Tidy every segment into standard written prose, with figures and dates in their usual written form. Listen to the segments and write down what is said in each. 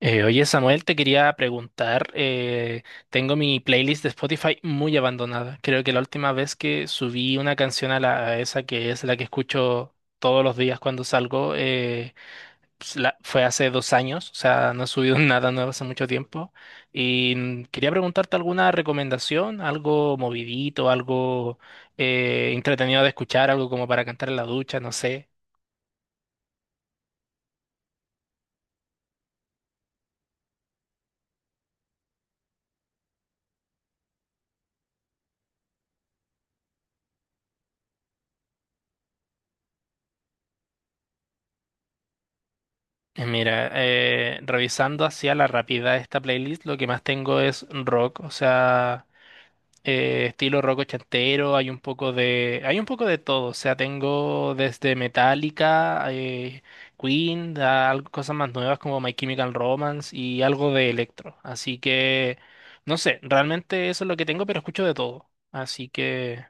Oye, Samuel, te quería preguntar, tengo mi playlist de Spotify muy abandonada. Creo que la última vez que subí una canción a, la, a esa que es la que escucho todos los días cuando salgo, pues, fue hace 2 años, o sea, no he subido nada nuevo hace mucho tiempo. Y quería preguntarte alguna recomendación, algo movidito, algo entretenido de escuchar, algo como para cantar en la ducha, no sé. Mira, revisando hacia la rapidez esta playlist, lo que más tengo es rock, o sea, estilo rock ochentero, hay un poco de todo, o sea, tengo desde Metallica, Queen, a cosas más nuevas como My Chemical Romance y algo de electro, así que, no sé, realmente eso es lo que tengo, pero escucho de todo, así que,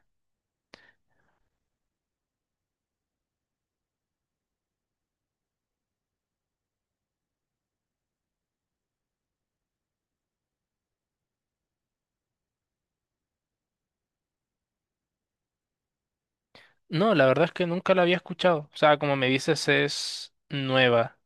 no, la verdad es que nunca la había escuchado, o sea, como me dices, es nueva.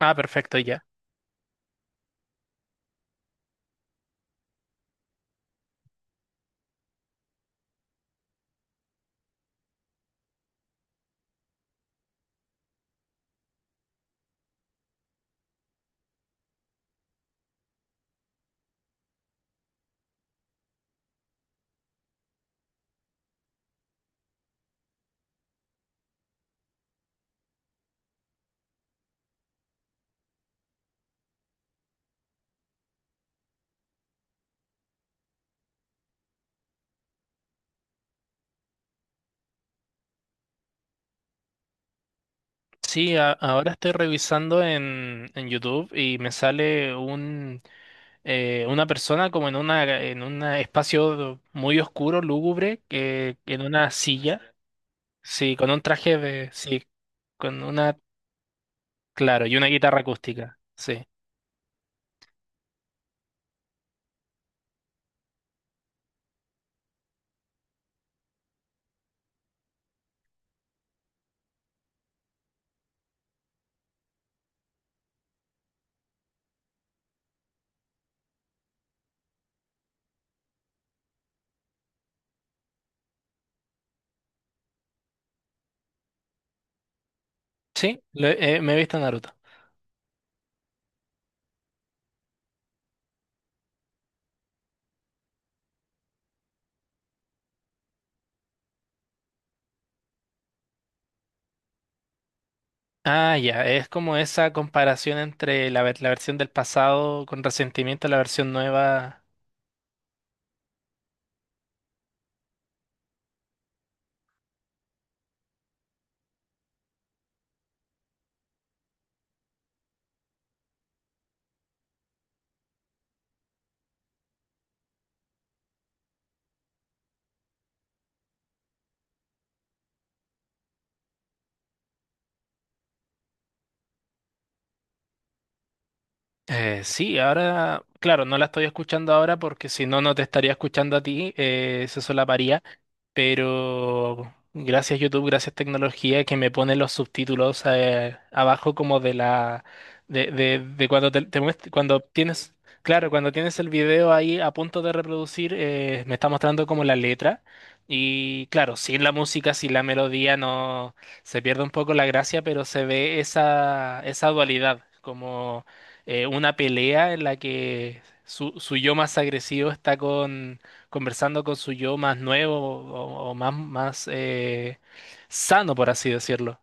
Ah, perfecto, ya. Sí, ahora estoy revisando en YouTube y me sale un, una persona como en una en un espacio muy oscuro, lúgubre, que en una silla, sí, con un traje de, sí, con una, claro, y una guitarra acústica, sí, sí, me he visto Naruto. Ah, ya, es como esa comparación entre la, la versión del pasado con resentimiento a la versión nueva. Sí, ahora, claro, no la estoy escuchando ahora porque si no, no te estaría escuchando a ti, se solaparía, pero gracias YouTube, gracias tecnología que me pone los subtítulos abajo como de la, de cuando te cuando tienes, claro, cuando tienes el video ahí a punto de reproducir, me está mostrando como la letra y claro, sin la música, sin la melodía, no, se pierde un poco la gracia, pero se ve esa dualidad, como una pelea en la que su yo más agresivo está con, conversando con su yo más nuevo o más, más sano, por así decirlo.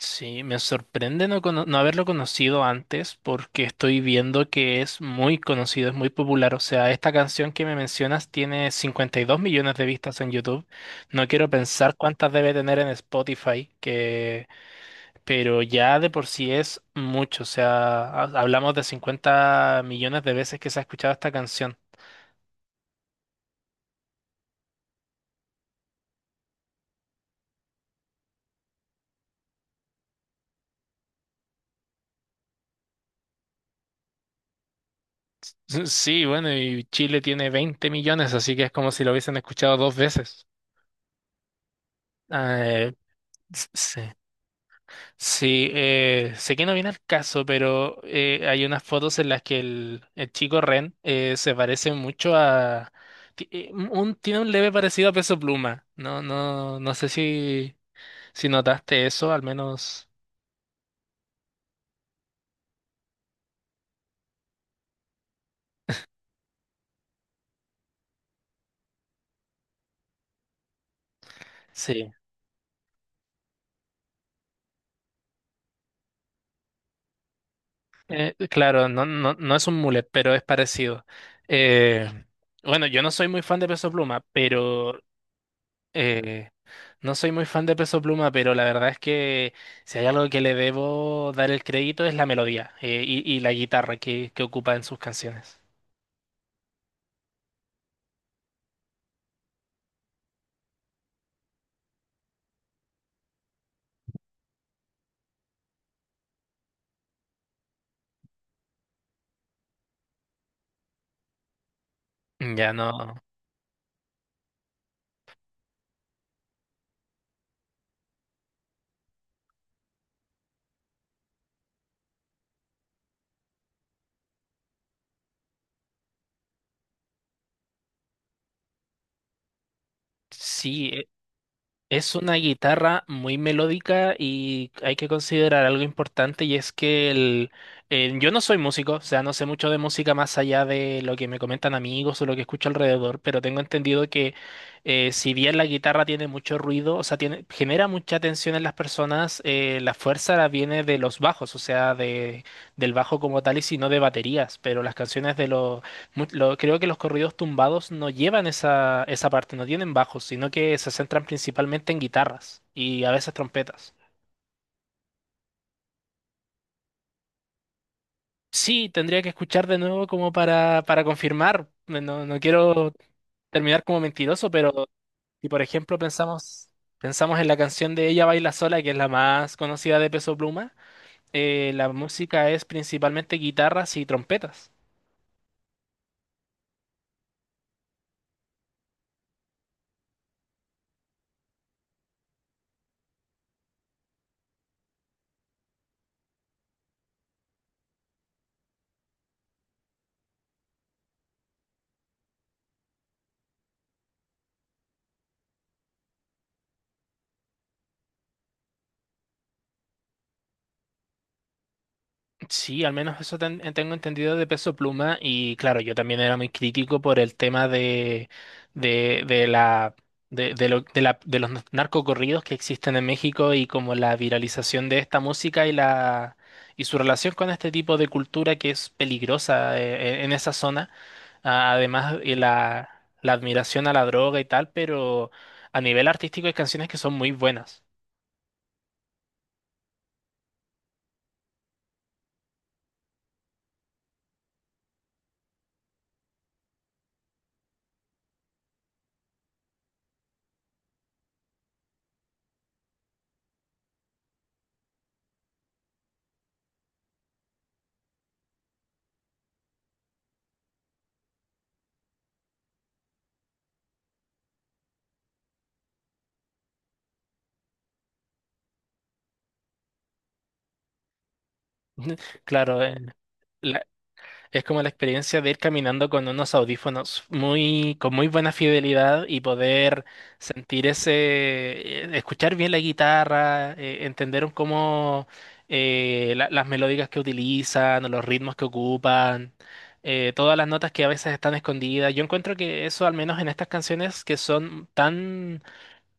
Sí, me sorprende no, no haberlo conocido antes porque estoy viendo que es muy conocido, es muy popular. O sea, esta canción que me mencionas tiene 52 millones de vistas en YouTube. No quiero pensar cuántas debe tener en Spotify, que pero ya de por sí es mucho, o sea, hablamos de 50 millones de veces que se ha escuchado esta canción. Sí, bueno, y Chile tiene 20 millones, así que es como si lo hubiesen escuchado dos veces. Eh, sí, sí, sé que no viene al caso, pero hay unas fotos en las que el chico Ren se parece mucho a... tiene un leve parecido a Peso Pluma. No, no, no sé si, si notaste eso, al menos... Sí. Claro, no, no, no es un mullet, pero es parecido. Eh, bueno, yo no soy muy fan de Peso Pluma, pero eh, no soy muy fan de Peso Pluma, pero la verdad es que si hay algo que le debo dar el crédito es la melodía y la guitarra que ocupa en sus canciones. Ya no. Sí, es una guitarra muy melódica y hay que considerar algo importante y es que el, yo no soy músico, o sea, no sé mucho de música más allá de lo que me comentan amigos o lo que escucho alrededor, pero tengo entendido que si bien la guitarra tiene mucho ruido, o sea, tiene, genera mucha tensión en las personas, la fuerza la viene de los bajos, o sea, de, del bajo como tal y si no de baterías, pero las canciones de los creo que los corridos tumbados no llevan esa, esa parte, no tienen bajos, sino que se centran principalmente en guitarras y a veces trompetas. Sí, tendría que escuchar de nuevo como para confirmar. No, no quiero terminar como mentiroso, pero si por ejemplo pensamos en la canción de Ella baila sola, que es la más conocida de Peso Pluma, la música es principalmente guitarras y trompetas. Sí, al menos eso tengo entendido de Peso Pluma y claro, yo también era muy crítico por el tema de, de, de la, de de los narcocorridos que existen en México y como la viralización de esta música y la y su relación con este tipo de cultura que es peligrosa en esa zona. Ah, además, y la admiración a la droga y tal, pero a nivel artístico hay canciones que son muy buenas. Claro, es como la experiencia de ir caminando con unos audífonos muy, con muy buena fidelidad y poder sentir ese, escuchar bien la guitarra, entender un cómo las melódicas que utilizan, o los ritmos que ocupan, todas las notas que a veces están escondidas. Yo encuentro que eso, al menos en estas canciones que son tan,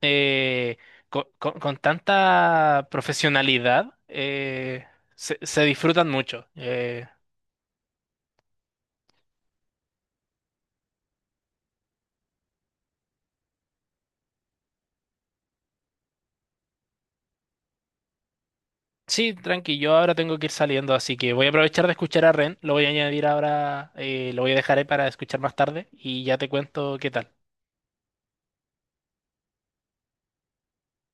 eh, con tanta profesionalidad, se, se disfrutan mucho. Sí, tranqui, yo ahora tengo que ir saliendo, así que voy a aprovechar de escuchar a Ren, lo voy a añadir ahora, lo voy a dejar ahí para escuchar más tarde y ya te cuento qué tal.